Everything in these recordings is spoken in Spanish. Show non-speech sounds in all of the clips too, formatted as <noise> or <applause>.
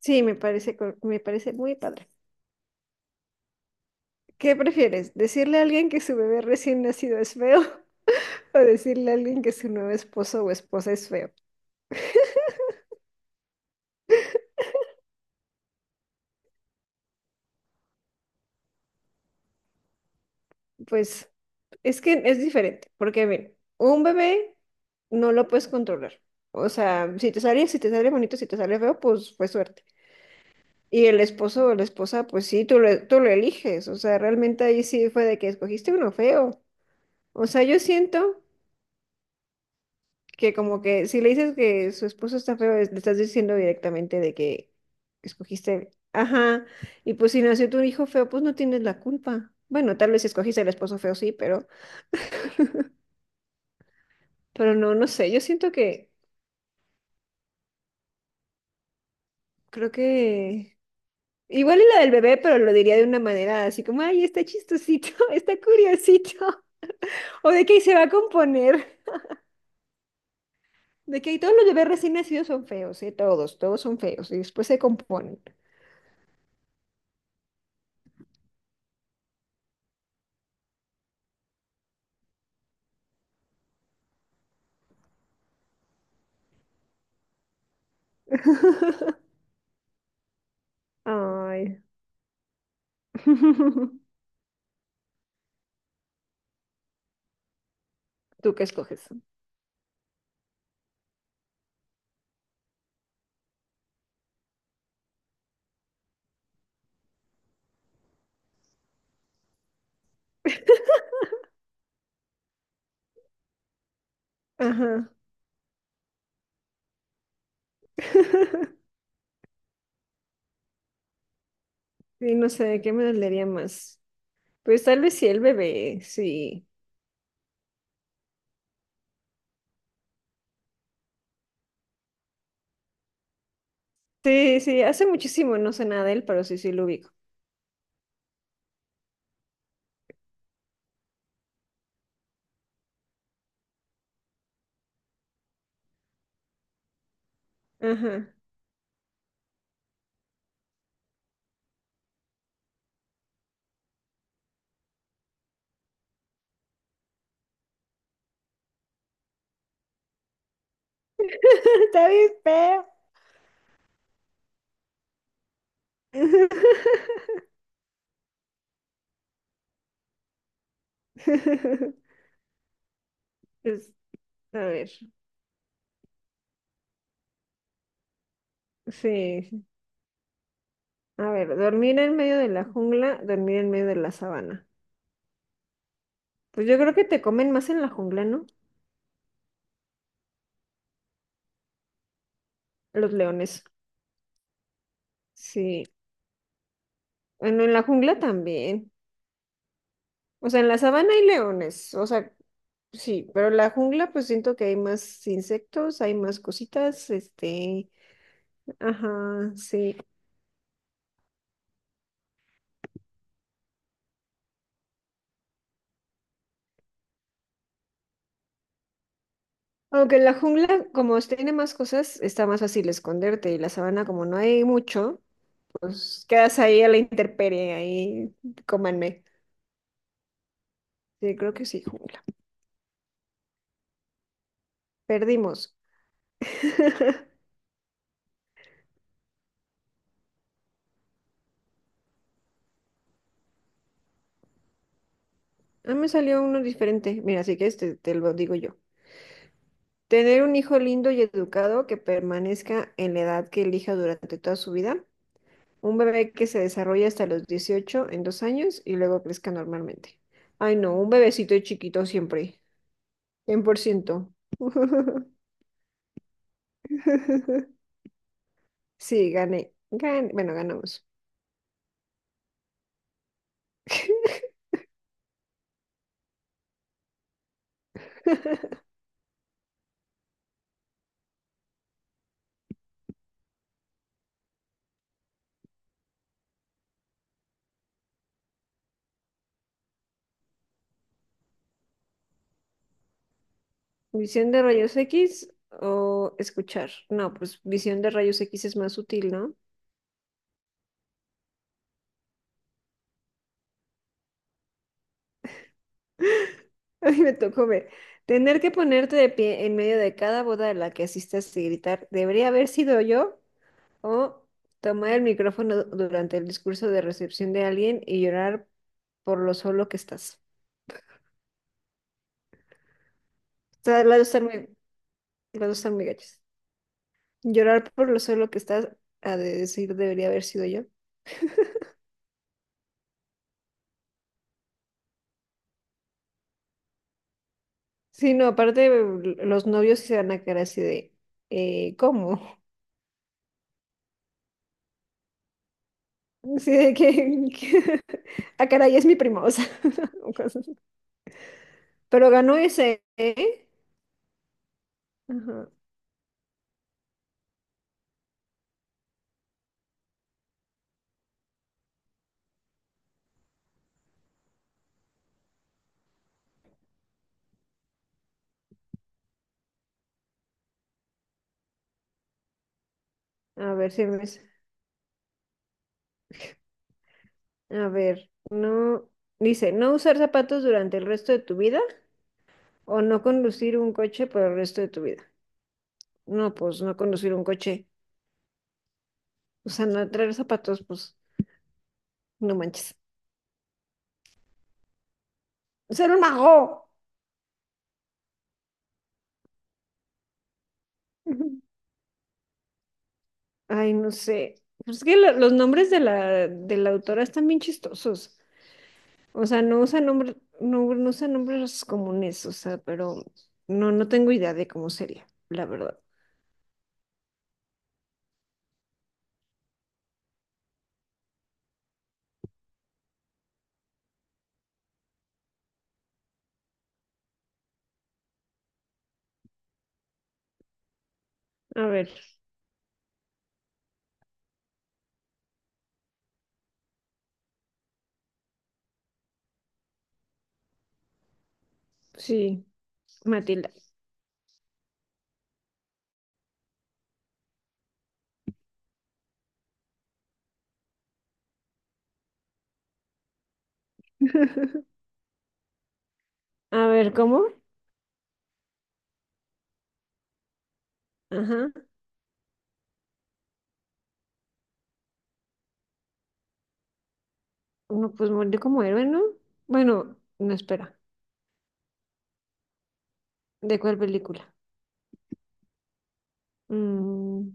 Sí, me parece, me parece muy padre. ¿Qué prefieres? ¿Decirle a alguien que su bebé recién nacido es feo <laughs> o decirle a alguien que su nuevo esposo o esposa es feo? Pues es que es diferente, porque miren, un bebé no lo puedes controlar. O sea, si te sale, si te sale bonito, si te sale feo, pues fue suerte. Y el esposo o la esposa, pues sí, tú lo eliges. O sea, realmente ahí sí fue de que escogiste uno feo. O sea, yo siento que como que si le dices que su esposo está feo, le estás diciendo directamente de que escogiste, ajá, y pues si nació tu hijo feo, pues no tienes la culpa. Bueno, tal vez si escogiste el esposo feo, sí, pero no, no sé, yo siento que, creo que, igual y la del bebé, pero lo diría de una manera así como, ay, está chistosito, <laughs> está curiosito, o de que "Ay, se va a componer. De que "Ay, todos los bebés recién nacidos son feos, ¿eh? Todos, todos son feos y después se componen. <laughs> Ay. <laughs> ¿Tú qué escoges? Ajá. <laughs> Sí, no sé, ¿qué me dolería más? Pues tal vez sí el bebé, sí. Sí, sí, hace muchísimo no sé nada de él, pero sí, sí lo ubico. Ajá. <laughs> Está bien feo. <laughs> Es- a ver, sí. A ver, dormir en medio de la jungla, dormir en medio de la sabana. Pues yo creo que te comen más en la jungla, ¿no? Los leones. Sí. Bueno, en la jungla también. O sea, en la sabana hay leones, o sea, sí, pero la jungla pues siento que hay más insectos, hay más cositas, este, ajá, sí. Aunque en la jungla, como tiene más cosas, está más fácil esconderte y la sabana como no hay mucho, pues quedas ahí a la intemperie, ahí cómanme. Sí, creo que sí, jungla. Perdimos. <laughs> Ah, me salió uno diferente. Mira, así que este te lo digo yo. Tener un hijo lindo y educado que permanezca en la edad que elija durante toda su vida. Un bebé que se desarrolla hasta los 18 en 2 años y luego crezca normalmente. Ay, no, un bebecito chiquito siempre. 100%. <laughs> Sí, gané. Bueno, ganamos. ¿Visión de rayos X o escuchar? No, pues visión de rayos X es más útil, ¿no? <laughs> Ay, me tocó ver. Tener que ponerte de pie en medio de cada boda a la que asistas y gritar, ¿debería haber sido yo? O tomar el micrófono durante el discurso de recepción de alguien y llorar por lo solo que estás. O sea, las dos están muy, las dos están muy gachas. Llorar por lo solo que estás, a de decir, debería haber sido yo. Sí, no, aparte los novios sí se van a quedar así de, ¿cómo? <laughs> Sí, de que, que- <laughs> ah, caray, es mi primo, o sea, <laughs> o cosas así. Pero ganó ese, ¿eh? Ajá. A ver, si me... A ver, no... Dice, no usar zapatos durante el resto de tu vida. O no conducir un coche por el resto de tu vida. No, pues no conducir un coche. O sea, no traer zapatos, pues no manches. Ser un mago. Ujú. Ay, no sé. Pues es que los nombres de la autora están bien chistosos. O sea, no usa nombres, no, no usa nombres comunes, o sea, pero no, no tengo idea de cómo sería, la verdad. A ver, sí, Matilda. <laughs> A ver, ¿cómo? Ajá. No, pues murió como héroe, ¿no? Bueno, no espera. ¿De cuál película? Mm,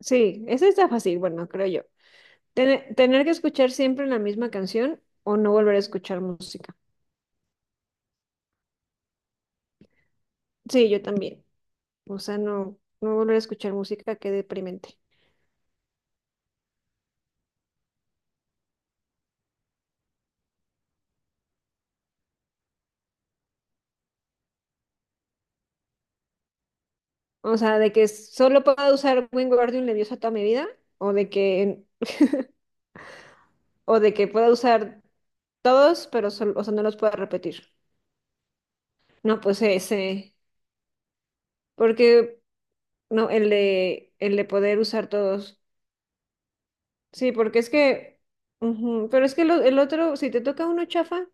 sí, esa está fácil, bueno, creo yo. Tener que escuchar siempre la misma canción o no volver a escuchar música. Sí, yo también. O sea, no, no volver a escuchar música, qué deprimente. O sea, de que solo pueda usar Wingardium Leviosa toda mi vida o de que, o de que pueda usar todos, pero solo, o sea, no los pueda repetir. No, pues ese, porque no, el de poder usar todos. Sí, porque es que, ujú, pero es que el otro, si te toca uno chafa,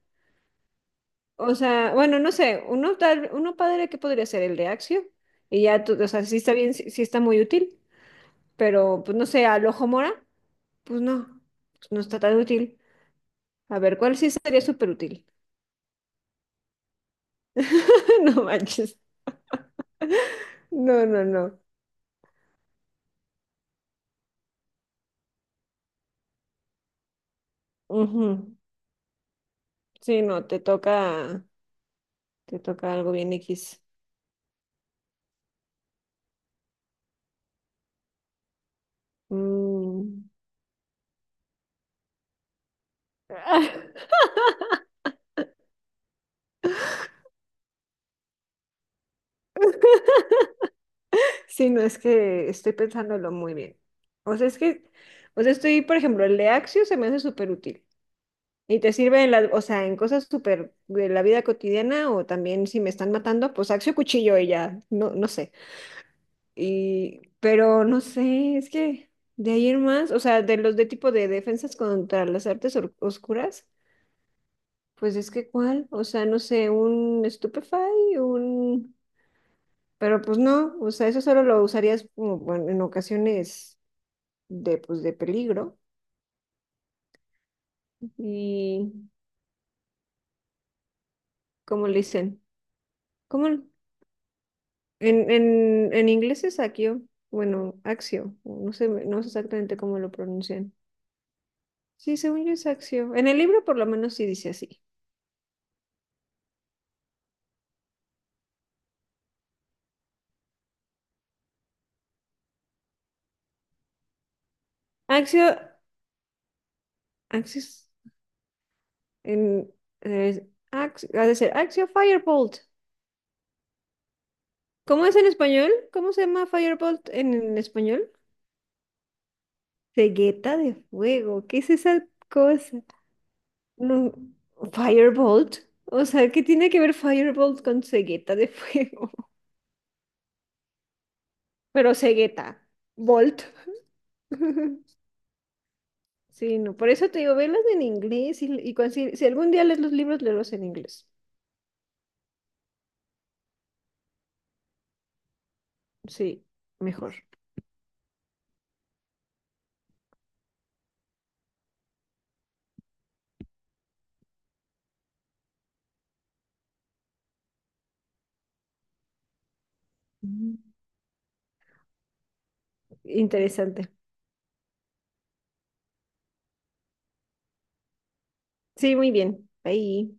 o sea, bueno, no sé, uno tal, uno padre que podría ser el de Axio, y ya, o sea, sí está bien, sí, sí está muy útil, pero pues no sé, al ojo mora, pues no, pues no está tan útil. A ver, ¿cuál sí sería súper útil? <laughs> No manches. No, no, no. Ujú. Sí, no, te toca algo bien X. Mm. <laughs> Sí, no es que estoy pensándolo muy bien. O sea, es que, o sea, estoy, por ejemplo, el de Axio se me hace súper útil. Y te sirve en la, o sea, en cosas súper de la vida cotidiana o también si me están matando, pues Axio cuchillo y ya, no, no sé. Y, pero no sé, es que de ahí en más, o sea, de los de tipo de defensas contra las artes oscuras, pues es que cuál, o sea, no sé, un Stupefy, un... Pero pues no, o sea, eso solo lo usarías como, bueno, en ocasiones de, pues, de peligro. Y, ¿cómo le dicen? ¿Cómo? En inglés es axio, bueno, axio, no sé, no sé exactamente cómo lo pronuncian. Sí, según yo es axio. En el libro por lo menos sí dice así. Axio, axis, en, es ha de ser axio firebolt. ¿Cómo es en español? ¿Cómo se llama firebolt en español? Cegueta de fuego, ¿qué es esa cosa? No, Firebolt. O sea, ¿qué tiene que ver Firebolt con cegueta de fuego? <laughs> Pero cegueta. Bolt. <laughs> Sí, no. Por eso te digo, velas en inglés y si, si algún día lees los libros, léelos en inglés. Sí, mejor. Mm. Interesante. Sí, muy bien. Ahí.